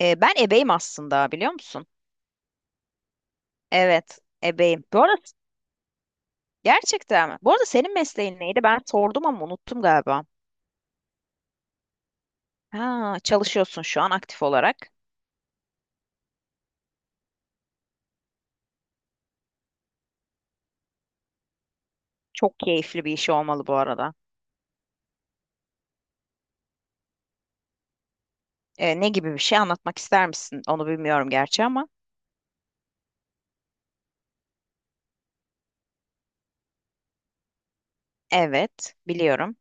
Ben ebeyim aslında, biliyor musun? Evet, ebeyim. Bu arada gerçekten mi? Bu arada senin mesleğin neydi? Ben sordum ama unuttum galiba. Ha, çalışıyorsun şu an aktif olarak. Çok keyifli bir iş olmalı bu arada. Ne gibi bir şey, anlatmak ister misin? Onu bilmiyorum gerçi ama. Evet, biliyorum.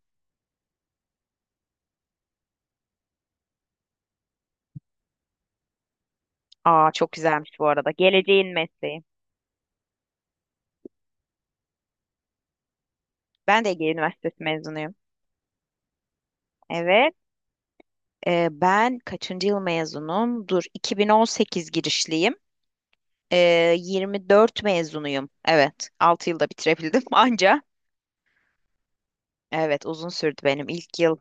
Aa, çok güzelmiş bu arada. Geleceğin mesleği. Ben de Ege Üniversitesi mezunuyum. Evet, ben kaçıncı yıl mezunum? Dur, 2018 girişliyim. 24 mezunuyum. Evet, 6 yılda bitirebildim anca. Evet, uzun sürdü benim ilk yıl.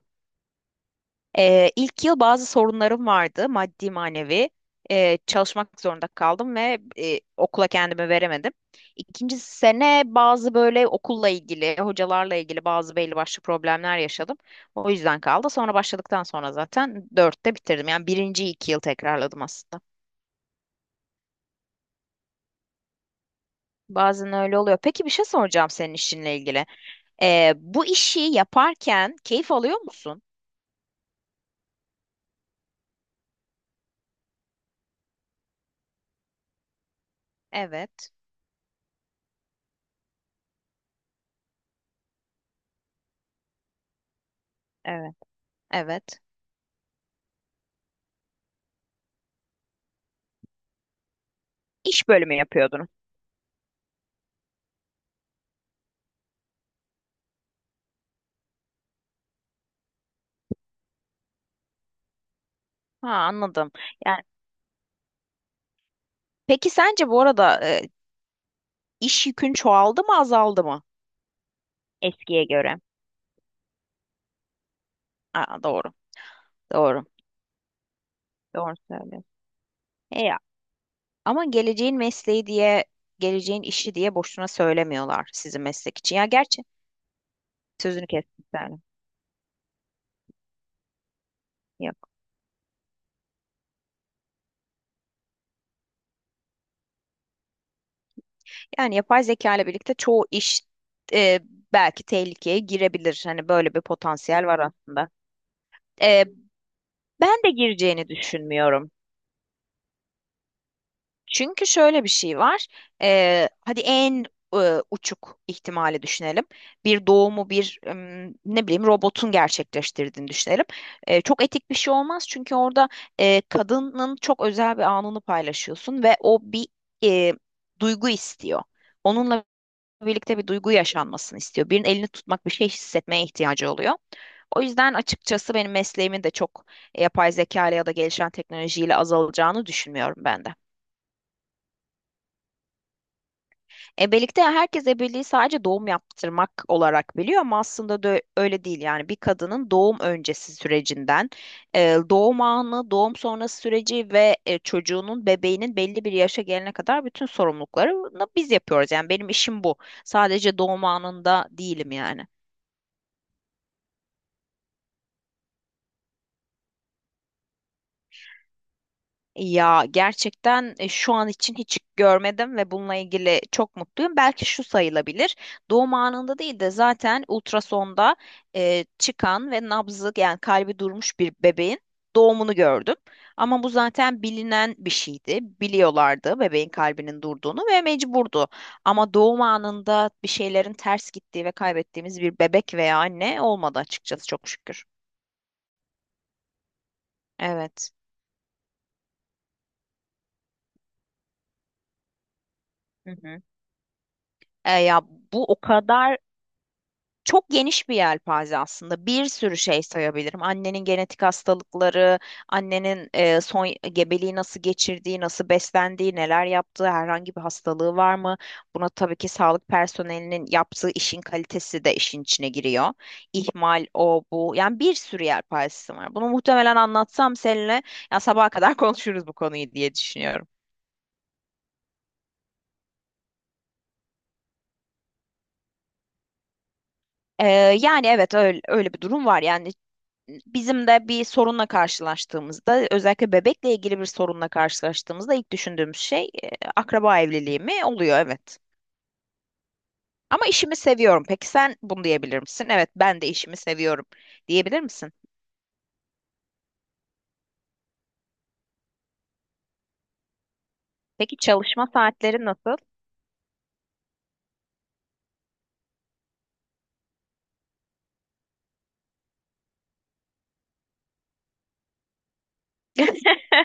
İlk yıl bazı sorunlarım vardı, maddi manevi. Çalışmak zorunda kaldım ve okula kendimi veremedim. İkinci sene bazı böyle okulla ilgili, hocalarla ilgili bazı belli başlı problemler yaşadım. O yüzden kaldı. Sonra başladıktan sonra zaten dörtte bitirdim. Yani birinci 2 yıl tekrarladım aslında. Bazen öyle oluyor. Peki, bir şey soracağım senin işinle ilgili. Bu işi yaparken keyif alıyor musun? Evet, evet, evet. İş bölümü yapıyordun. Ha, anladım. Yani peki sence bu arada iş yükün çoğaldı mı azaldı mı eskiye göre? Aa, doğru, doğru, doğru söylüyorsun. Ya, ama geleceğin mesleği diye, geleceğin işi diye boşuna söylemiyorlar sizin meslek için. Ya gerçi sözünü kestim sen. Yok. Yani yapay zeka ile birlikte çoğu iş e, belki tehlikeye girebilir. Hani böyle bir potansiyel var aslında. E, Ben de gireceğini düşünmüyorum. Çünkü şöyle bir şey var. Hadi en uçuk ihtimali düşünelim. Bir doğumu, bir ne bileyim, robotun gerçekleştirdiğini düşünelim. Çok etik bir şey olmaz, çünkü orada kadının çok özel bir anını paylaşıyorsun ve o bir e, duygu istiyor. Onunla birlikte bir duygu yaşanmasını istiyor. Birinin elini tutmak, bir şey hissetmeye ihtiyacı oluyor. O yüzden açıkçası benim mesleğimin de çok yapay zeka ile ya da gelişen teknolojiyle azalacağını düşünmüyorum ben de. Ebelikte herkes ebeliği sadece doğum yaptırmak olarak biliyor, ama aslında da öyle değil. Yani bir kadının doğum öncesi sürecinden doğum anı, doğum sonrası süreci ve çocuğunun, bebeğinin belli bir yaşa gelene kadar bütün sorumluluklarını biz yapıyoruz. Yani benim işim bu. Sadece doğum anında değilim yani. Ya gerçekten şu an için hiç görmedim ve bununla ilgili çok mutluyum. Belki şu sayılabilir. Doğum anında değil de zaten ultrasonda çıkan ve nabzı yani kalbi durmuş bir bebeğin doğumunu gördüm. Ama bu zaten bilinen bir şeydi. Biliyorlardı bebeğin kalbinin durduğunu ve mecburdu. Ama doğum anında bir şeylerin ters gittiği ve kaybettiğimiz bir bebek veya anne olmadı açıkçası, çok şükür. Evet. Hı hı. E, ya bu o kadar Çok geniş bir yelpaze aslında. Bir sürü şey sayabilirim. Annenin genetik hastalıkları, annenin son gebeliği nasıl geçirdiği, nasıl beslendiği, neler yaptığı, herhangi bir hastalığı var mı? Buna tabii ki sağlık personelinin yaptığı işin kalitesi de işin içine giriyor. İhmal, o, bu. Yani bir sürü yelpazesi var. Bunu muhtemelen anlatsam seninle ya sabaha kadar konuşuruz bu konuyu diye düşünüyorum. Ee, Yani evet, öyle, öyle bir durum var. Yani bizim de bir sorunla karşılaştığımızda, özellikle bebekle ilgili bir sorunla karşılaştığımızda ilk düşündüğümüz şey akraba evliliği mi oluyor? Evet. Ama işimi seviyorum. Peki sen bunu diyebilir misin? Evet, ben de işimi seviyorum diyebilir misin? Peki çalışma saatleri nasıl?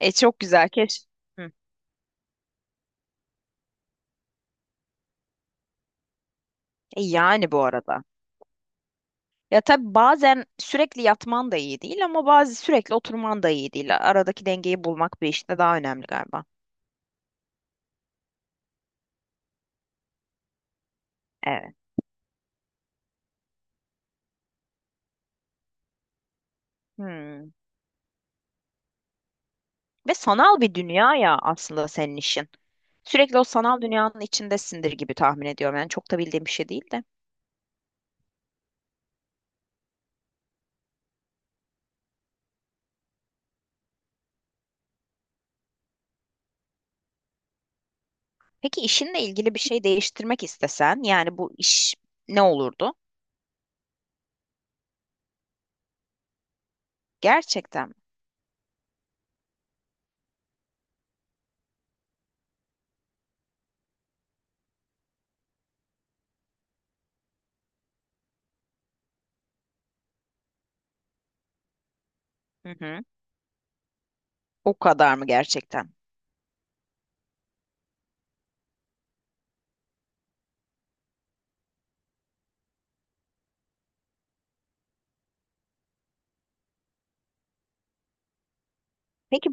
Çok güzel keş. Hı. Yani bu arada. Ya tabii bazen sürekli yatman da iyi değil, ama bazı sürekli oturman da iyi değil. Aradaki dengeyi bulmak bir işte daha önemli galiba. Evet. Hmm. Ve sanal bir dünya ya aslında senin işin. Sürekli o sanal dünyanın içindesindir gibi tahmin ediyorum. Yani çok da bildiğim bir şey değil de. Peki işinle ilgili bir şey değiştirmek istesen, yani bu iş ne olurdu? Gerçekten mi? Hı hı. O kadar mı gerçekten? Peki.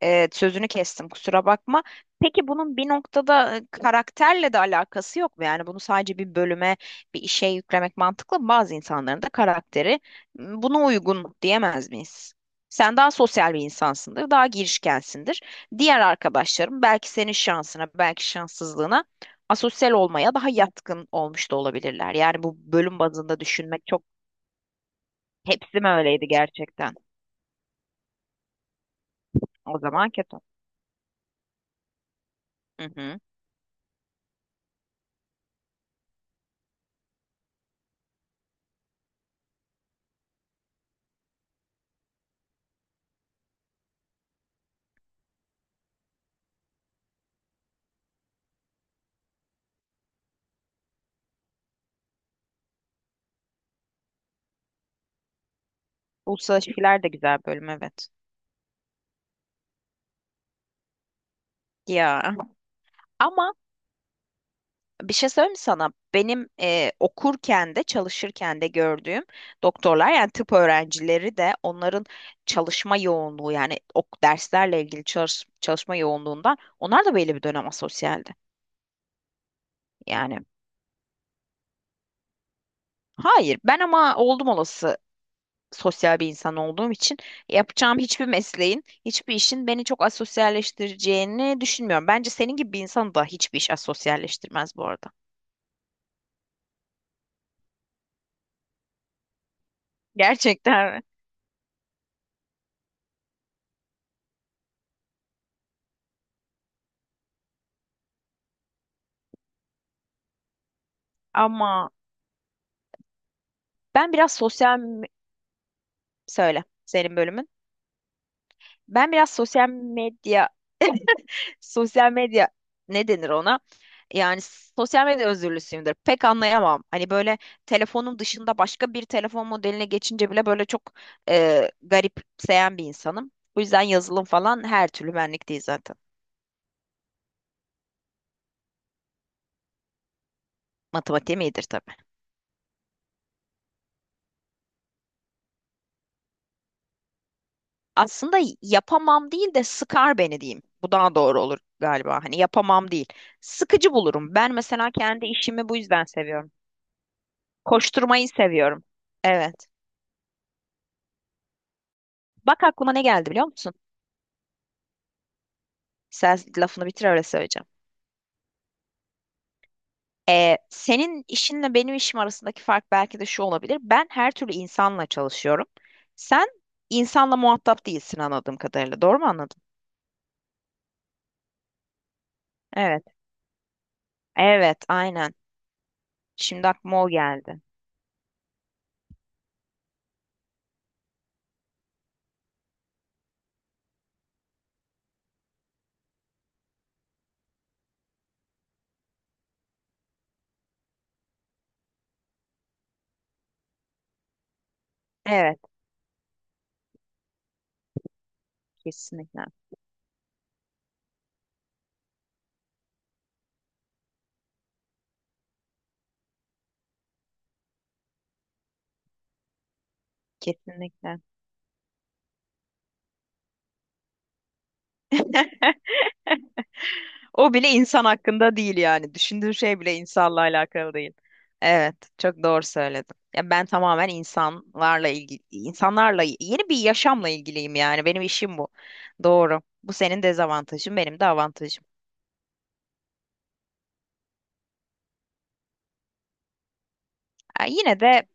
Evet, sözünü kestim, kusura bakma. Peki bunun bir noktada karakterle de alakası yok mu? Yani bunu sadece bir bölüme, bir işe yüklemek mantıklı mı? Bazı insanların da karakteri buna uygun diyemez miyiz? Sen daha sosyal bir insansındır, daha girişkensindir. Diğer arkadaşlarım belki senin şansına, belki şanssızlığına, asosyal olmaya daha yatkın olmuş da olabilirler. Yani bu bölüm bazında düşünmek çok... Hepsi mi öyleydi gerçekten? O zaman kötü. Hı hı. Uluslararası ilişkiler de güzel bölüm, evet. Ya ama bir şey söyleyeyim mi sana? Benim okurken de çalışırken de gördüğüm doktorlar, yani tıp öğrencileri de, onların çalışma yoğunluğu, yani derslerle ilgili çalışma yoğunluğundan onlar da belli bir dönem asosyaldi. Yani hayır, ben ama oldum olası sosyal bir insan olduğum için yapacağım hiçbir mesleğin, hiçbir işin beni çok asosyalleştireceğini düşünmüyorum. Bence senin gibi bir insanı da hiçbir iş asosyalleştirmez bu arada. Gerçekten mi? Ama Ben biraz sosyal me- söyle senin bölümün. Ben biraz sosyal medya sosyal medya, ne denir ona? Yani sosyal medya özürlüsüyümdür. Pek anlayamam. Hani böyle telefonum dışında başka bir telefon modeline geçince bile böyle çok garipseyen bir insanım. Bu yüzden yazılım falan her türlü benlik değil zaten. Matematiğim iyidir tabii. Aslında yapamam değil de, sıkar beni diyeyim. Bu daha doğru olur galiba. Hani yapamam değil. Sıkıcı bulurum. Ben mesela kendi işimi bu yüzden seviyorum. Koşturmayı seviyorum. Evet. Bak aklıma ne geldi biliyor musun? Sen lafını bitir, öyle söyleyeceğim. Senin işinle benim işim arasındaki fark belki de şu olabilir. Ben her türlü insanla çalışıyorum. Sen insanla muhatap değilsin anladığım kadarıyla. Doğru mu anladım? Evet. Evet, aynen. Şimdi aklıma o geldi. Evet, kesinlikle. Kesinlikle. O bile insan hakkında değil yani. Düşündüğün şey bile insanla alakalı değil. Evet, çok doğru söyledim. Ya ben tamamen insanlarla ilgili, insanlarla yeni bir yaşamla ilgiliyim yani. Benim işim bu. Doğru. Bu senin dezavantajın, benim de avantajım. Ya yine de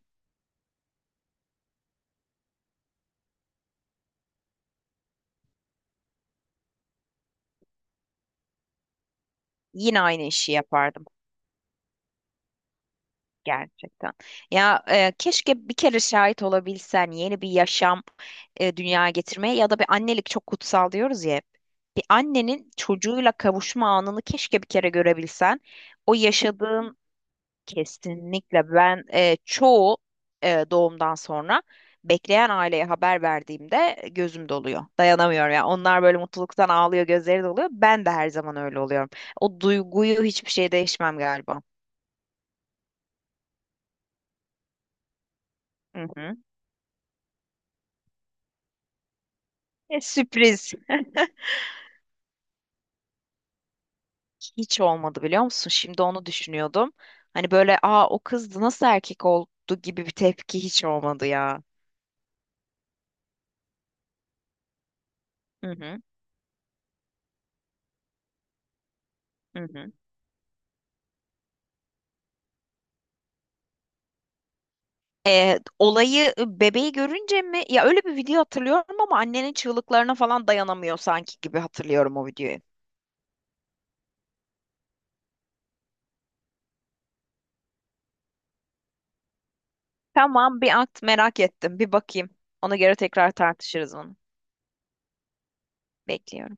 yine aynı işi yapardım. Gerçekten. Ya, keşke bir kere şahit olabilsen yeni bir yaşam dünyaya getirmeye, ya da bir annelik çok kutsal diyoruz ya hep. Bir annenin çocuğuyla kavuşma anını keşke bir kere görebilsen. O yaşadığın kesinlikle, ben çoğu doğumdan sonra bekleyen aileye haber verdiğimde gözüm doluyor. Dayanamıyorum ya. Onlar böyle mutluluktan ağlıyor, gözleri doluyor. Ben de her zaman öyle oluyorum. O duyguyu hiçbir şey değişmem galiba. Hı hı. Sürpriz. Hiç olmadı biliyor musun? Şimdi onu düşünüyordum. Hani böyle "aa o kızdı, nasıl erkek oldu" gibi bir tepki hiç olmadı ya. Hı hı. Hı hı. Olayı Bebeği görünce mi? Ya öyle bir video hatırlıyorum ama annenin çığlıklarına falan dayanamıyor sanki gibi hatırlıyorum o videoyu. Tamam, bir at, merak ettim. Bir bakayım. Ona göre tekrar tartışırız onu. Bekliyorum.